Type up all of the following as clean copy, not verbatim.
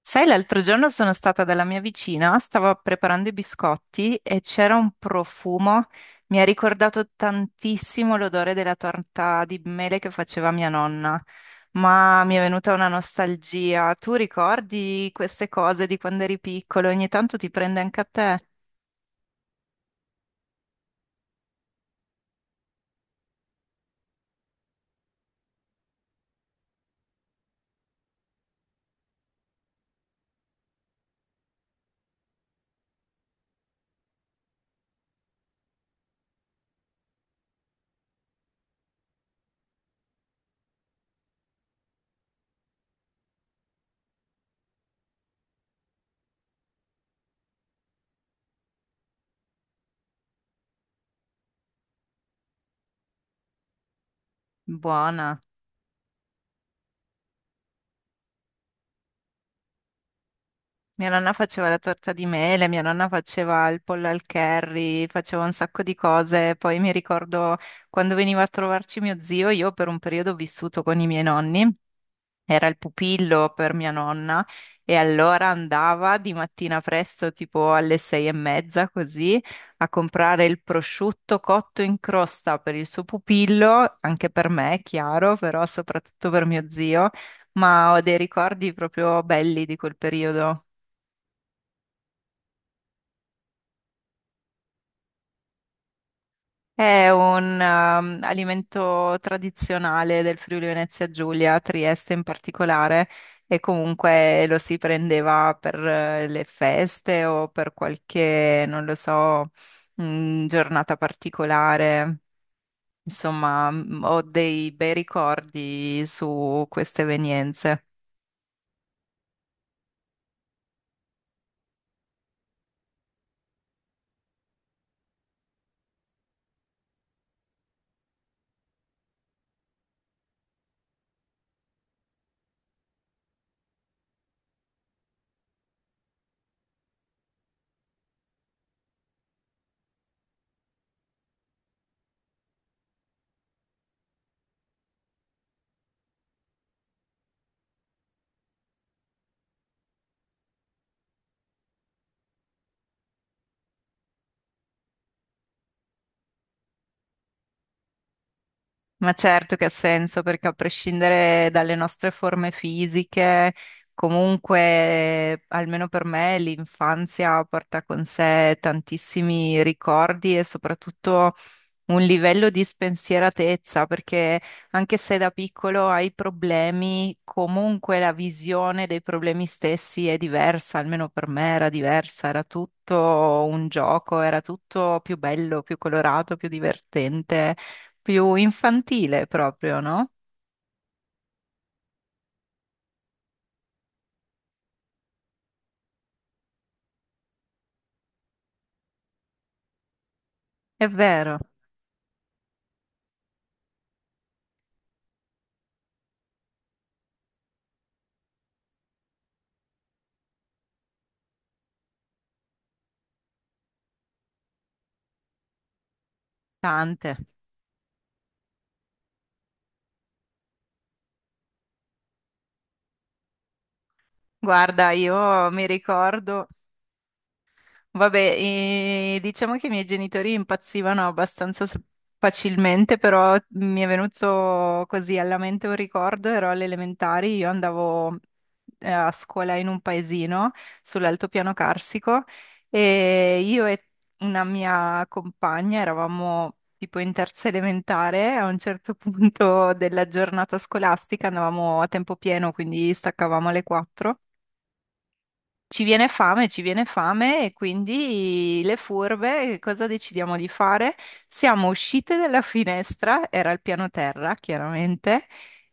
Sai, l'altro giorno sono stata dalla mia vicina, stavo preparando i biscotti e c'era un profumo, mi ha ricordato tantissimo l'odore della torta di mele che faceva mia nonna, ma mi è venuta una nostalgia. Tu ricordi queste cose di quando eri piccolo? Ogni tanto ti prende anche a te? Buona. Mia nonna faceva la torta di mele, mia nonna faceva il pollo al curry, faceva un sacco di cose. Poi mi ricordo quando veniva a trovarci mio zio, io per un periodo ho vissuto con i miei nonni, era il pupillo per mia nonna e allora andava di mattina presto, tipo alle 6:30 così, a comprare il prosciutto cotto in crosta per il suo pupillo, anche per me, chiaro, però soprattutto per mio zio, ma ho dei ricordi proprio belli di quel periodo. È un alimento tradizionale del Friuli Venezia Giulia, Trieste in particolare, e comunque lo si prendeva per le feste o per qualche, non lo so, giornata particolare. Insomma, ho dei bei ricordi su queste evenienze. Ma certo che ha senso, perché a prescindere dalle nostre forme fisiche, comunque, almeno per me, l'infanzia porta con sé tantissimi ricordi e soprattutto un livello di spensieratezza, perché anche se da piccolo hai problemi, comunque la visione dei problemi stessi è diversa, almeno per me era diversa, era tutto un gioco, era tutto più bello, più colorato, più divertente, più infantile proprio, no? È vero, tante. Guarda, io mi ricordo. Vabbè, diciamo che i miei genitori impazzivano abbastanza facilmente, però mi è venuto così alla mente un ricordo, ero alle elementari, io andavo a scuola in un paesino sull'altopiano carsico e io e una mia compagna eravamo tipo in 3ª elementare, a un certo punto della giornata scolastica andavamo a tempo pieno, quindi staccavamo alle 4. Ci viene fame e quindi le furbe, che cosa decidiamo di fare? Siamo uscite dalla finestra, era il piano terra, chiaramente.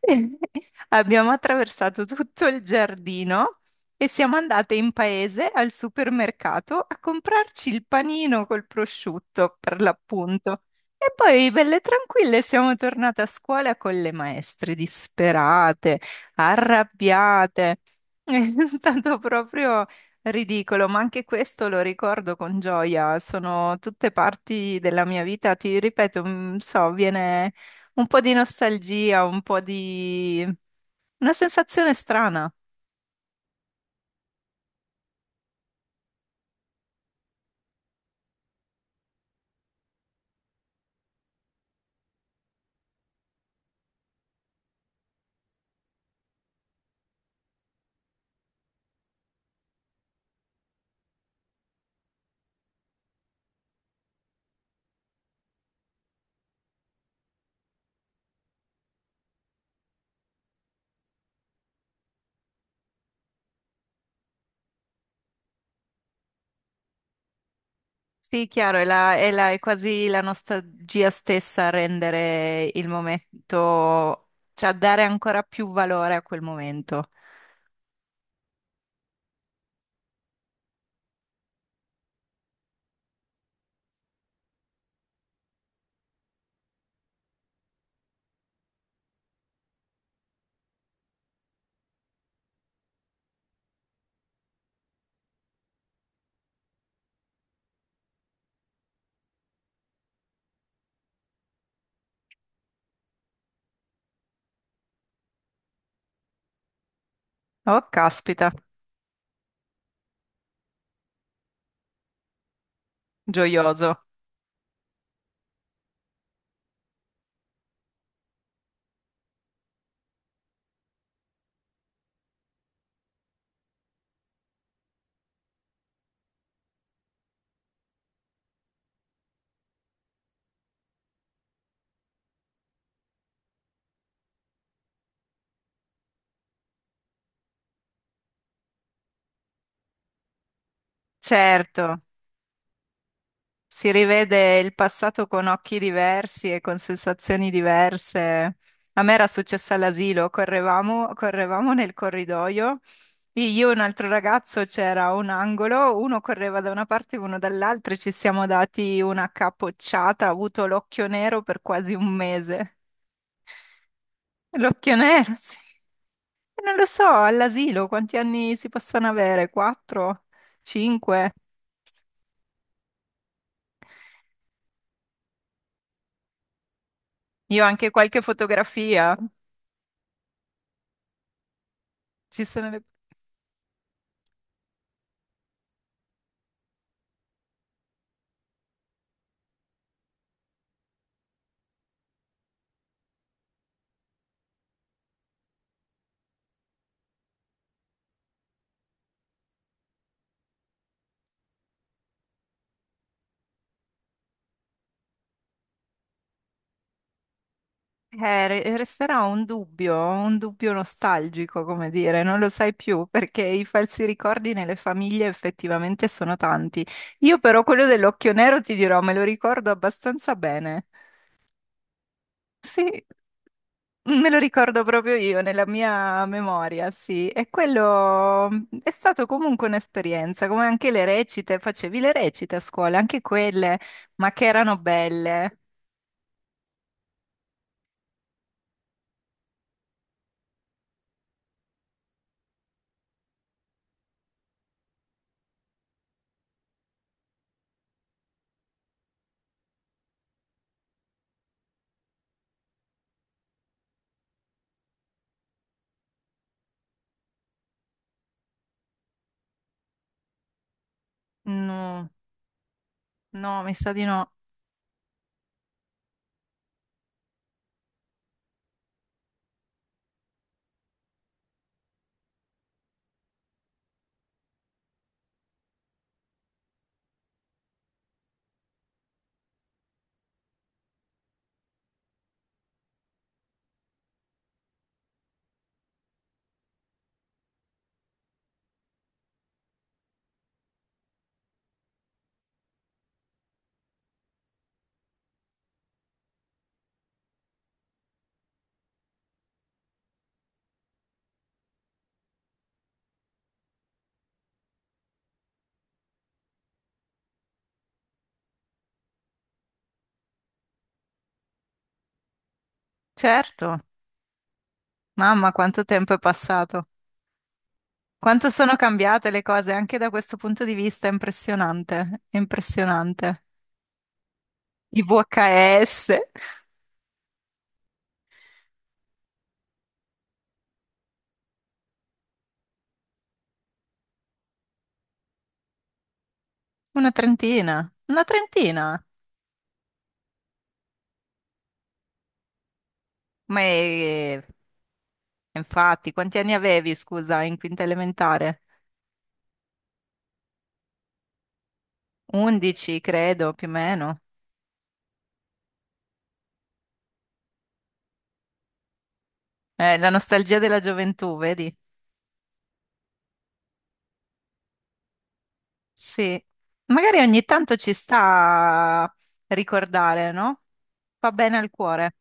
Abbiamo attraversato tutto il giardino e siamo andate in paese al supermercato a comprarci il panino col prosciutto, per l'appunto. E poi, belle tranquille, siamo tornate a scuola con le maestre disperate, arrabbiate. È stato proprio ridicolo, ma anche questo lo ricordo con gioia, sono tutte parti della mia vita, ti ripeto, mm, so, viene un po' di nostalgia, un po' di una sensazione strana. Sì, chiaro, è, è quasi la nostalgia stessa a rendere il momento, cioè a dare ancora più valore a quel momento. Oh, caspita, gioioso. Certo. Si rivede il passato con occhi diversi e con sensazioni diverse. A me era successo all'asilo, correvamo, correvamo nel corridoio, io e un altro ragazzo c'era un angolo, uno correva da una parte e uno dall'altra e ci siamo dati una capocciata, ho avuto l'occhio nero per quasi un mese. L'occhio nero, sì. E non lo so, all'asilo quanti anni si possono avere? Quattro? Cinque? Io ho anche qualche fotografia. Ci sono le... resterà un dubbio nostalgico, come dire, non lo sai più perché i falsi ricordi nelle famiglie effettivamente sono tanti. Io però quello dell'occhio nero ti dirò, me lo ricordo abbastanza bene. Sì, me lo ricordo proprio io nella mia memoria, sì. E quello mm, è stato comunque un'esperienza, come anche le recite, facevi le recite a scuola, anche quelle, ma che erano belle. No, no, mi sa di no. Certo. Mamma, quanto tempo è passato. Quanto sono cambiate le cose anche da questo punto di vista, è impressionante, è impressionante. I VHS, una trentina, una trentina. Ma è- Infatti, quanti anni avevi, scusa, in 5ª elementare? 11, credo, più o meno. La nostalgia della gioventù, vedi? Sì. Magari ogni tanto ci sta a ricordare, no? Fa bene al cuore.